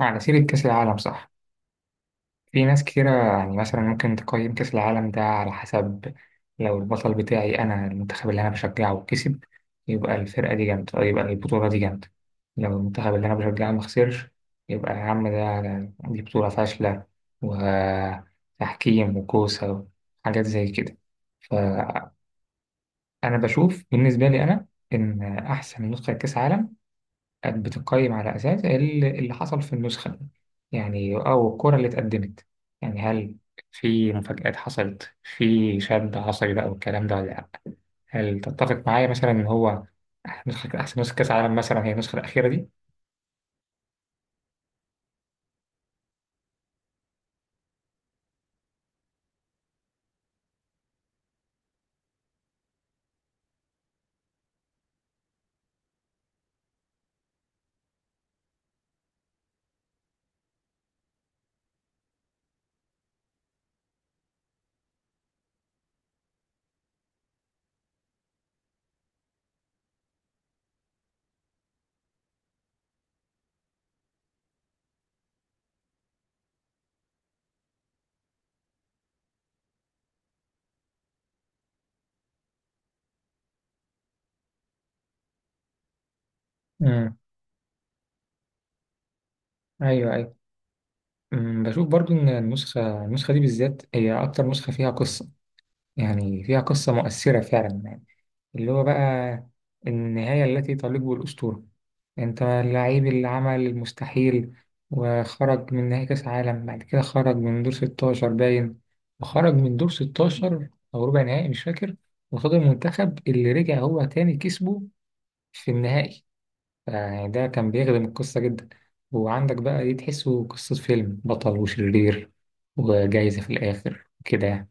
على سيرة كأس العالم، صح؟ في ناس كتيرة، يعني مثلا ممكن تقيم كأس العالم ده على حسب. لو البطل بتاعي أنا المنتخب اللي أنا بشجعه كسب، يبقى الفرقة دي جامدة أو يبقى البطولة دي جامدة. لو المنتخب اللي أنا بشجعه مخسرش، يبقى يا عم ده دي بطولة فاشلة، وتحكيم وكوسة وحاجات زي كده. فأنا بشوف بالنسبة لي أنا إن أحسن نسخة كأس عالم كانت بتقيم على أساس اللي حصل في النسخة دي، يعني أو الكرة اللي اتقدمت. يعني هل في مفاجآت حصلت، في شد عصبي بقى والكلام ده ولا لأ؟ هل تتفق معايا مثلا إن هو نسخة أحسن نسخة كأس عالم مثلا هي النسخة الأخيرة دي؟ امم أيوه، أيوه. بشوف برضو إن النسخة دي بالذات هي أكتر نسخة فيها قصة. يعني فيها قصة مؤثرة فعلا، اللي هو بقى النهاية التي تليق بالأسطورة. أنت اللعيب اللي عمل المستحيل، وخرج من نهائي كأس عالم، بعد كده خرج من دور 16 باين، وخرج من دور 16 أو ربع نهائي مش فاكر، وقصاد المنتخب اللي رجع هو تاني كسبه في النهائي. يعني ده كان بيخدم القصة جدا، وعندك بقى دي تحسه قصة فيلم بطل وشرير وجايزة في الآخر كده يعني.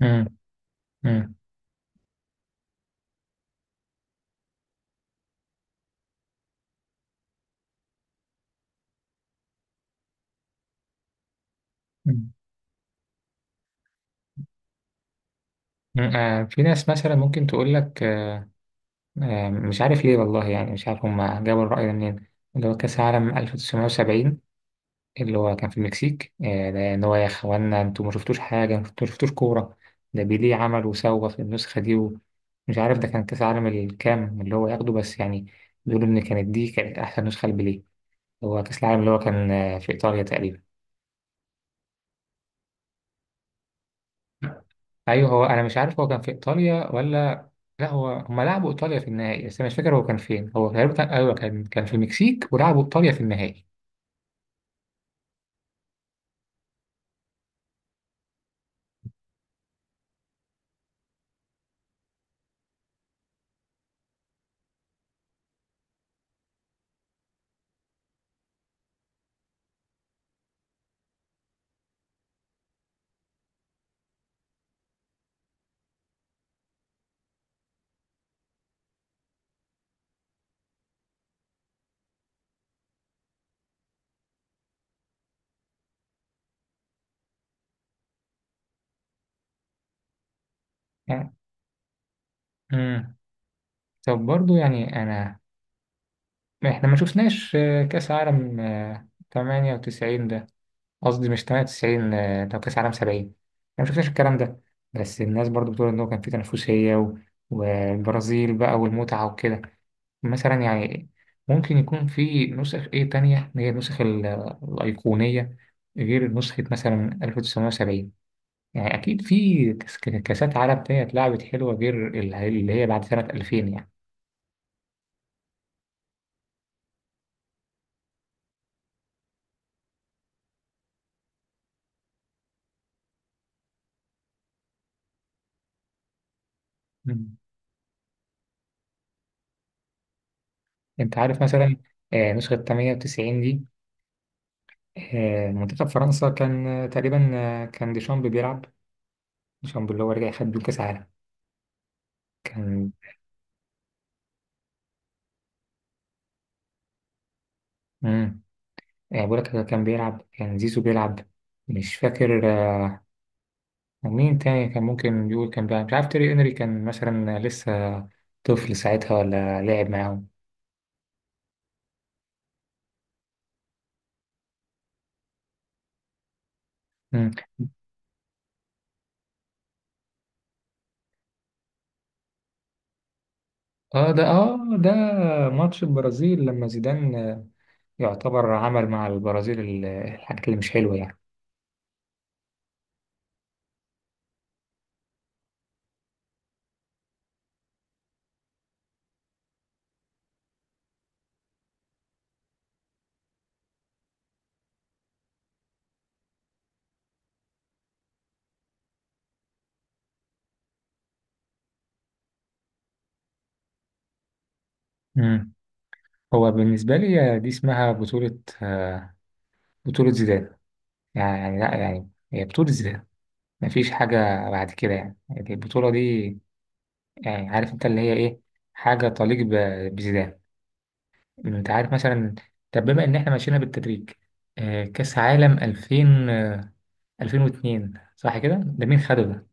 مم. مم. مم. في ناس مثلا ممكن تقول لك، مش عارف ليه والله، يعني مش عارف هما جابوا الرأي ده منين، اللي هو كأس العالم 1970 اللي هو كان في المكسيك. ده إن هو يا إخوانا أنتوا ما شفتوش حاجة، أنتوا ما شفتوش كورة، ده بيليه عمل وسوى في النسخة دي، ومش عارف ده كان كأس العالم الكام اللي هو ياخده بس، يعني بيقولوا إن كانت دي أحسن نسخة لبيليه. هو كأس العالم اللي هو كان في إيطاليا تقريبا. أيوه، هو أنا مش عارف هو كان في إيطاليا ولا. لا، هو هما لعبوا إيطاليا في النهائي، بس أنا مش فاكر هو كان فين. هو تقريبا أيوه كان في المكسيك ولعبوا إيطاليا في النهائي. آه، مم. طب برضو يعني أنا إحنا ما شفناش كأس عالم 98 ده، قصدي مش 98، ده كأس عالم 70، إحنا ما شفناش الكلام ده. بس الناس برضو بتقول إن هو كان فيه تنافسية والبرازيل بقى والمتعة وكده، مثلا يعني ممكن يكون في نسخ إيه تانية، هي النسخ الأيقونية غير نسخة مثلا 1970. يعني أكيد في كاسات عالم تانية اتلعبت حلوة غير اللي هي بعد سنة 2000. يعني انت عارف مثلا نسخة 98 دي، منتخب فرنسا كان تقريبا كان ديشامب بيلعب. ديشامب اللي هو رجع خد بيه كأس عالم، كان. امم بقول لك كان بيلعب، كان زيزو بيلعب، مش فاكر مين تاني كان ممكن يقول كان بيلعب. مش عارف تيري انري كان مثلا لسه طفل ساعتها، ولا لعب معاهم. مم. اه، ده اه، ده ماتش البرازيل لما زيدان يعتبر عمل مع البرازيل الحاجات اللي مش حلوة يعني. مم. هو بالنسبة لي دي اسمها بطولة، بطولة زيدان. يعني لا، يعني هي بطولة زيدان مفيش حاجة بعد كده، يعني البطولة دي، يعني عارف انت اللي هي ايه، حاجة تليق بزيدان. انت عارف مثلا، طب بما ان احنا ماشيينها بالتدريج، كأس عالم 2000، آه، 2002 صح كده، ده مين خده ده؟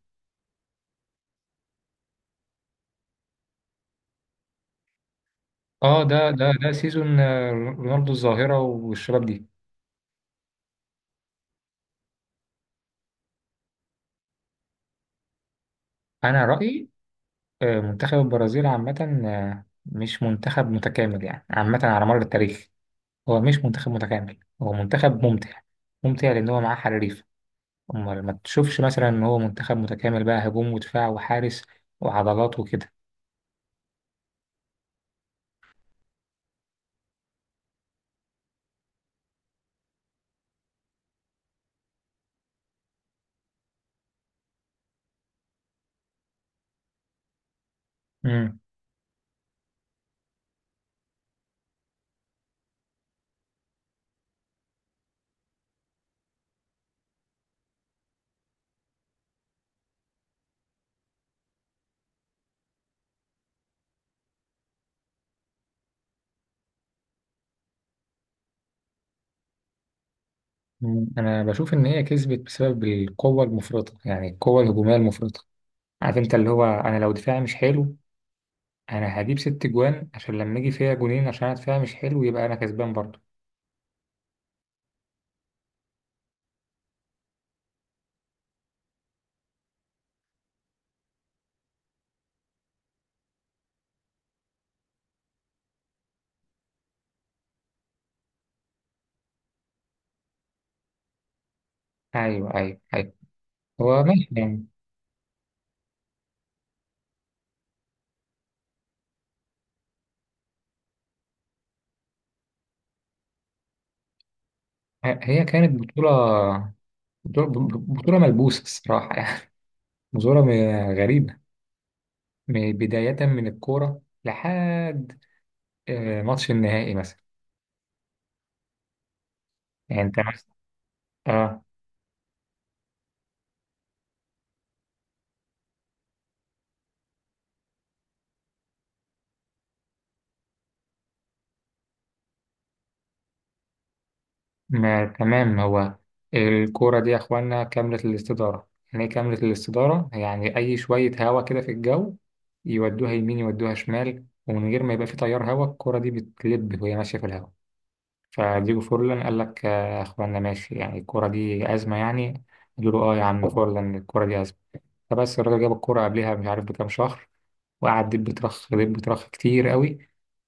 اه، ده سيزون رونالدو الظاهرة والشباب دي. انا رأيي منتخب البرازيل عامة مش منتخب متكامل يعني، عامة على مر التاريخ. هو مش منتخب متكامل، هو منتخب ممتع، ممتع لأن هو معاه حريف. أمال ما تشوفش مثلا إن هو منتخب متكامل بقى، هجوم ودفاع وحارس وعضلات وكده. مم. مم. أنا بشوف إن هي كسبت بسبب القوة المفرطة، يعني القوة الهجومية المفرطة. عارف أنت اللي هو، أنا لو دفاعي مش حلو، أنا هجيب ست جوان عشان لما يجي فيها جونين، عشان أنا دفاعي مش حلو يبقى أنا كسبان برضه. أيوه، أيوه، أيوه. هو ماشي يعني. هي كانت بطولة ملبوسة الصراحة يعني بطولة غريبة، بداية من الكورة لحد ماتش النهائي مثلا، يعني انت مثلا. اه، ما تمام. هو الكورة دي يا اخوانا كاملة الاستدارة. يعني ايه كاملة الاستدارة؟ يعني اي شوية هوا كده في الجو، يودوها يمين يودوها شمال، ومن غير ما يبقى في تيار هوا الكورة دي بتلب وهي ماشية في الهوا. فديجو فورلان قال لك، يا اخوانا ماشي، يعني الكرة دي أزمة يعني. قالوا له اه يا عم فورلان الكرة دي أزمة. فبس الراجل جاب الكرة قبلها مش عارف بكام شهر، وقعد دب ترخ دب ترخ كتير قوي،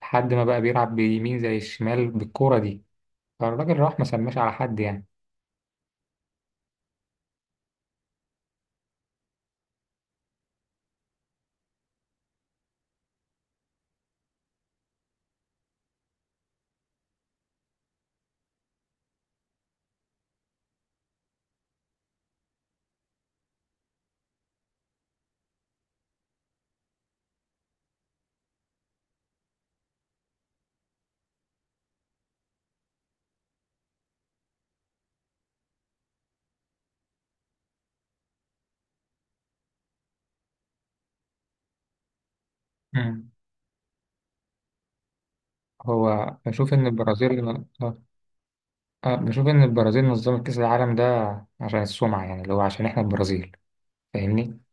لحد ما بقى بيلعب بيمين زي الشمال بالكرة دي، فالراجل راح ما سماش على حد يعني. مم. هو آه، بشوف ان البرازيل نظمت كأس العالم ده عشان السمعة، يعني اللي هو عشان احنا البرازيل، فاهمني؟